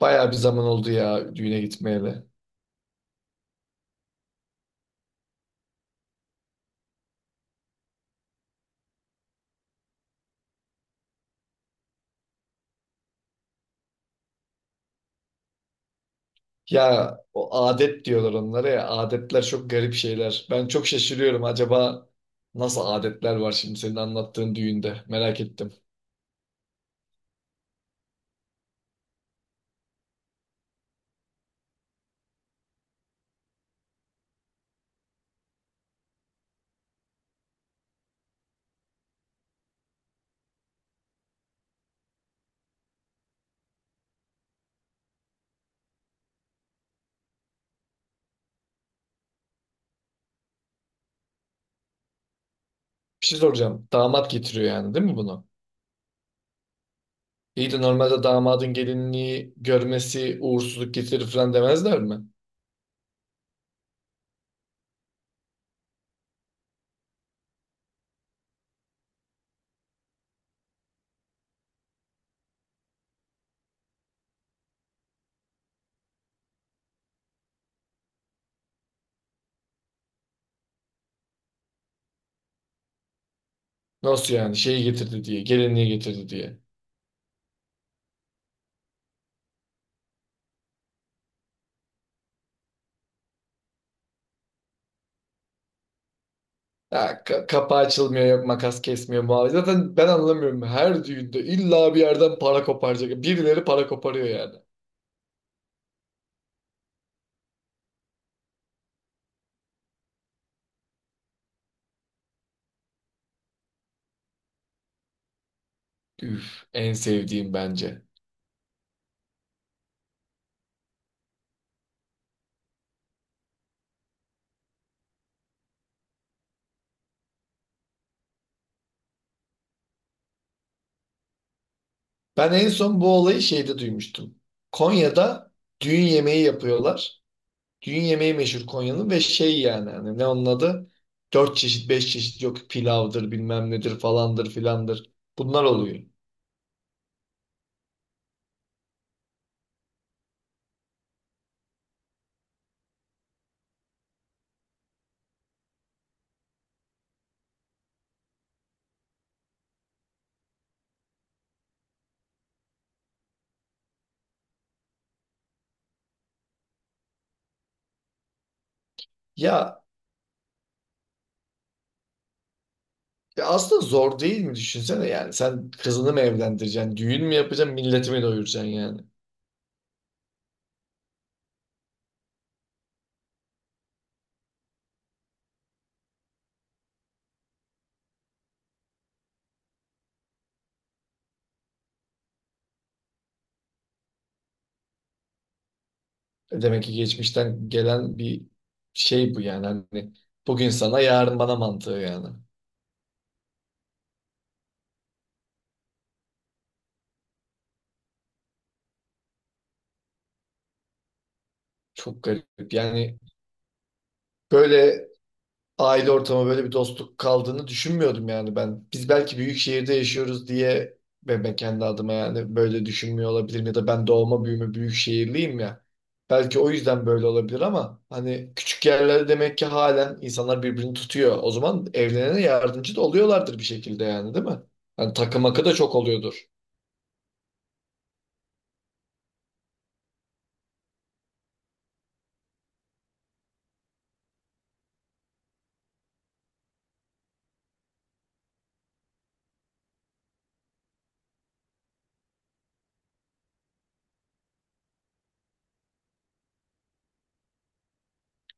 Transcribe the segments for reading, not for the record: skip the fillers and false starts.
Bayağı bir zaman oldu ya düğüne gitmeyeli. Ya o adet diyorlar onlara ya. Adetler çok garip şeyler. Ben çok şaşırıyorum. Acaba nasıl adetler var şimdi senin anlattığın düğünde? Merak ettim. Bir şey soracağım. Damat getiriyor yani değil mi bunu? İyi de normalde damadın gelinliği görmesi uğursuzluk getirir falan demezler mi? Nasıl yani? Şeyi getirdi diye, gelinliği getirdi diye. Ya, kapağı açılmıyor, yok makas kesmiyor muhabbet. Zaten ben anlamıyorum. Her düğünde illa bir yerden para koparacak. Birileri para koparıyor yani. Üf, en sevdiğim bence. Ben en son bu olayı şeyde duymuştum. Konya'da düğün yemeği yapıyorlar. Düğün yemeği meşhur Konya'nın ve şey yani hani ne onun adı? Dört çeşit, beş çeşit yok pilavdır bilmem nedir falandır filandır. Bunlar oluyor. Ya, ya aslında zor değil mi düşünsene yani sen kızını mı evlendireceksin, düğün mü yapacaksın, milleti mi doyuracaksın yani. E, demek ki geçmişten gelen bir şey bu yani hani bugün sana yarın bana mantığı yani. Çok garip yani. Böyle aile ortamı böyle bir dostluk kaldığını düşünmüyordum yani ben. Biz belki büyük şehirde yaşıyoruz diye ve ben kendi adıma yani böyle düşünmüyor olabilirim ya da ben doğma büyüme büyük şehirliyim ya. Belki o yüzden böyle olabilir ama hani küçük yerlerde demek ki halen insanlar birbirini tutuyor. O zaman evlenene yardımcı da oluyorlardır bir şekilde yani değil mi? Hani takı makı da çok oluyordur.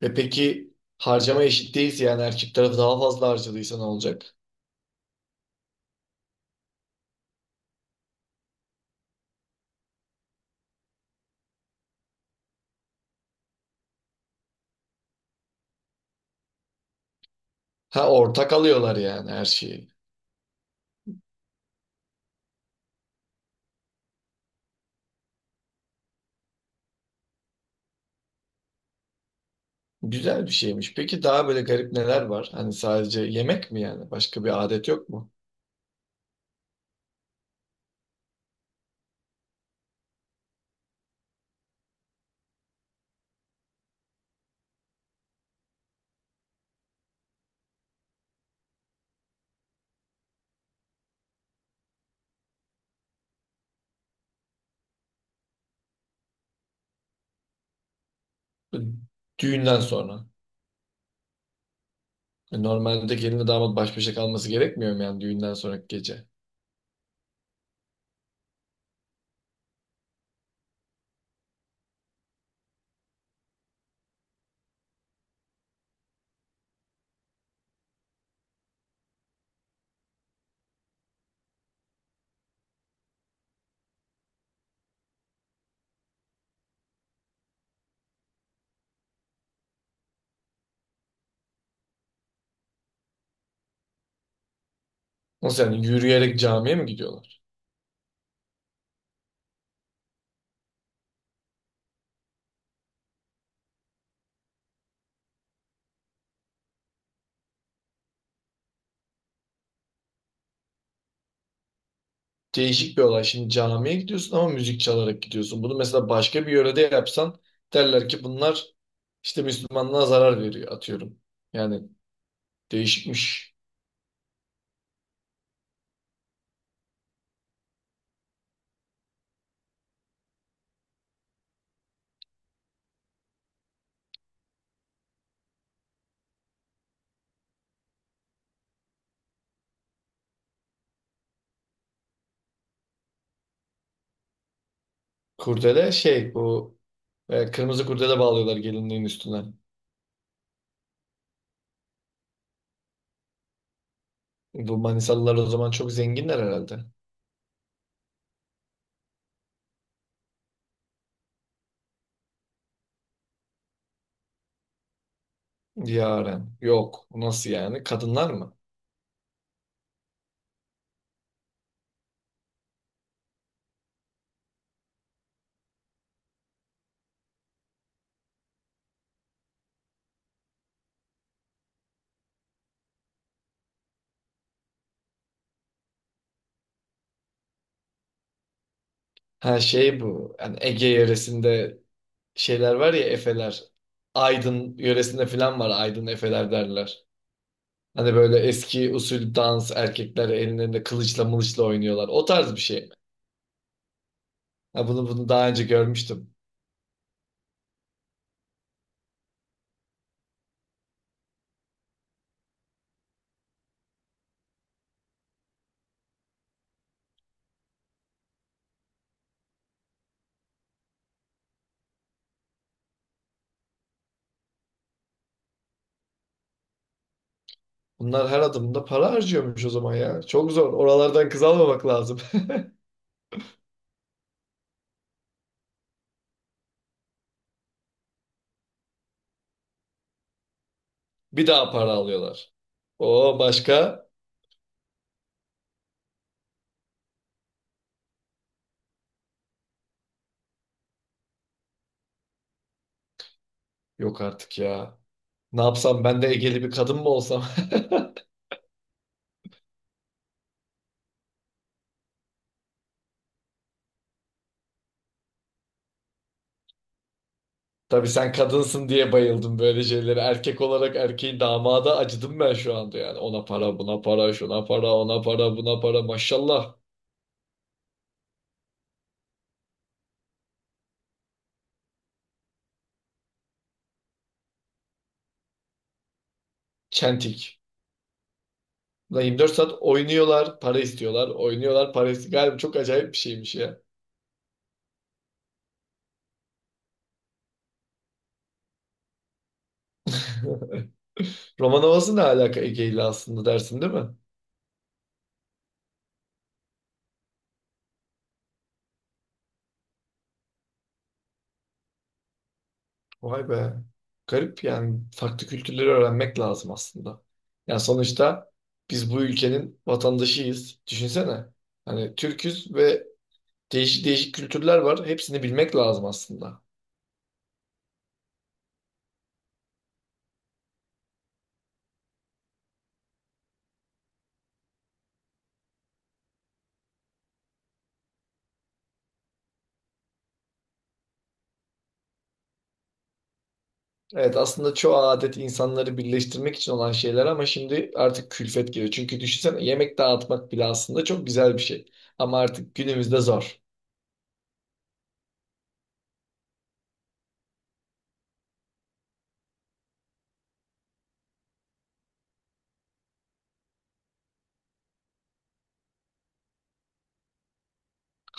E, peki harcama eşit değilse yani erkek tarafı daha fazla harcadıysa ne olacak? Ha, ortak alıyorlar yani her şeyi. Güzel bir şeymiş. Peki daha böyle garip neler var? Hani sadece yemek mi yani? Başka bir adet yok mu? Düğünden sonra. E, normalde gelinle damat baş başa kalması gerekmiyor mu yani düğünden sonraki gece? Nasıl yani yürüyerek camiye mi gidiyorlar? Değişik bir olay. Şimdi camiye gidiyorsun ama müzik çalarak gidiyorsun. Bunu mesela başka bir yörede yapsan derler ki bunlar işte Müslümanlığa zarar veriyor atıyorum. Yani değişikmiş. Kurdele şey bu kırmızı kurdele bağlıyorlar gelinliğin üstüne. Bu Manisalılar o zaman çok zenginler herhalde. Yaren. Yok. Nasıl yani? Kadınlar mı? Ha şey bu. Yani Ege yöresinde şeyler var ya Efeler. Aydın yöresinde falan var. Aydın Efeler derler. Hani böyle eski usul dans erkekler ellerinde kılıçla mılıçla oynuyorlar. O tarz bir şey mi? Ha, bunu daha önce görmüştüm. Bunlar her adımda para harcıyormuş o zaman ya. Çok zor. Oralardan kız almamak lazım. Bir daha para alıyorlar. O başka? Yok artık ya. Ne yapsam ben de Egeli bir kadın mı olsam? Tabii sen kadınsın diye bayıldım böyle şeylere. Erkek olarak erkeğin damada acıdım ben şu anda yani. Ona para, buna para, şuna para, ona para, buna para. Maşallah. Çentik. Ulan 24 saat oynuyorlar, para istiyorlar. Oynuyorlar, para istiyorlar. Galiba çok acayip bir şeymiş ya. Roman havası ne alaka Ege ile aslında dersin değil mi? Vay be. Garip yani farklı kültürleri öğrenmek lazım aslında. Yani sonuçta biz bu ülkenin vatandaşıyız. Düşünsene. Hani Türküz ve değişik değişik kültürler var. Hepsini bilmek lazım aslında. Evet aslında çoğu adet insanları birleştirmek için olan şeyler ama şimdi artık külfet geliyor. Çünkü düşünsene yemek dağıtmak bile aslında çok güzel bir şey. Ama artık günümüzde zor.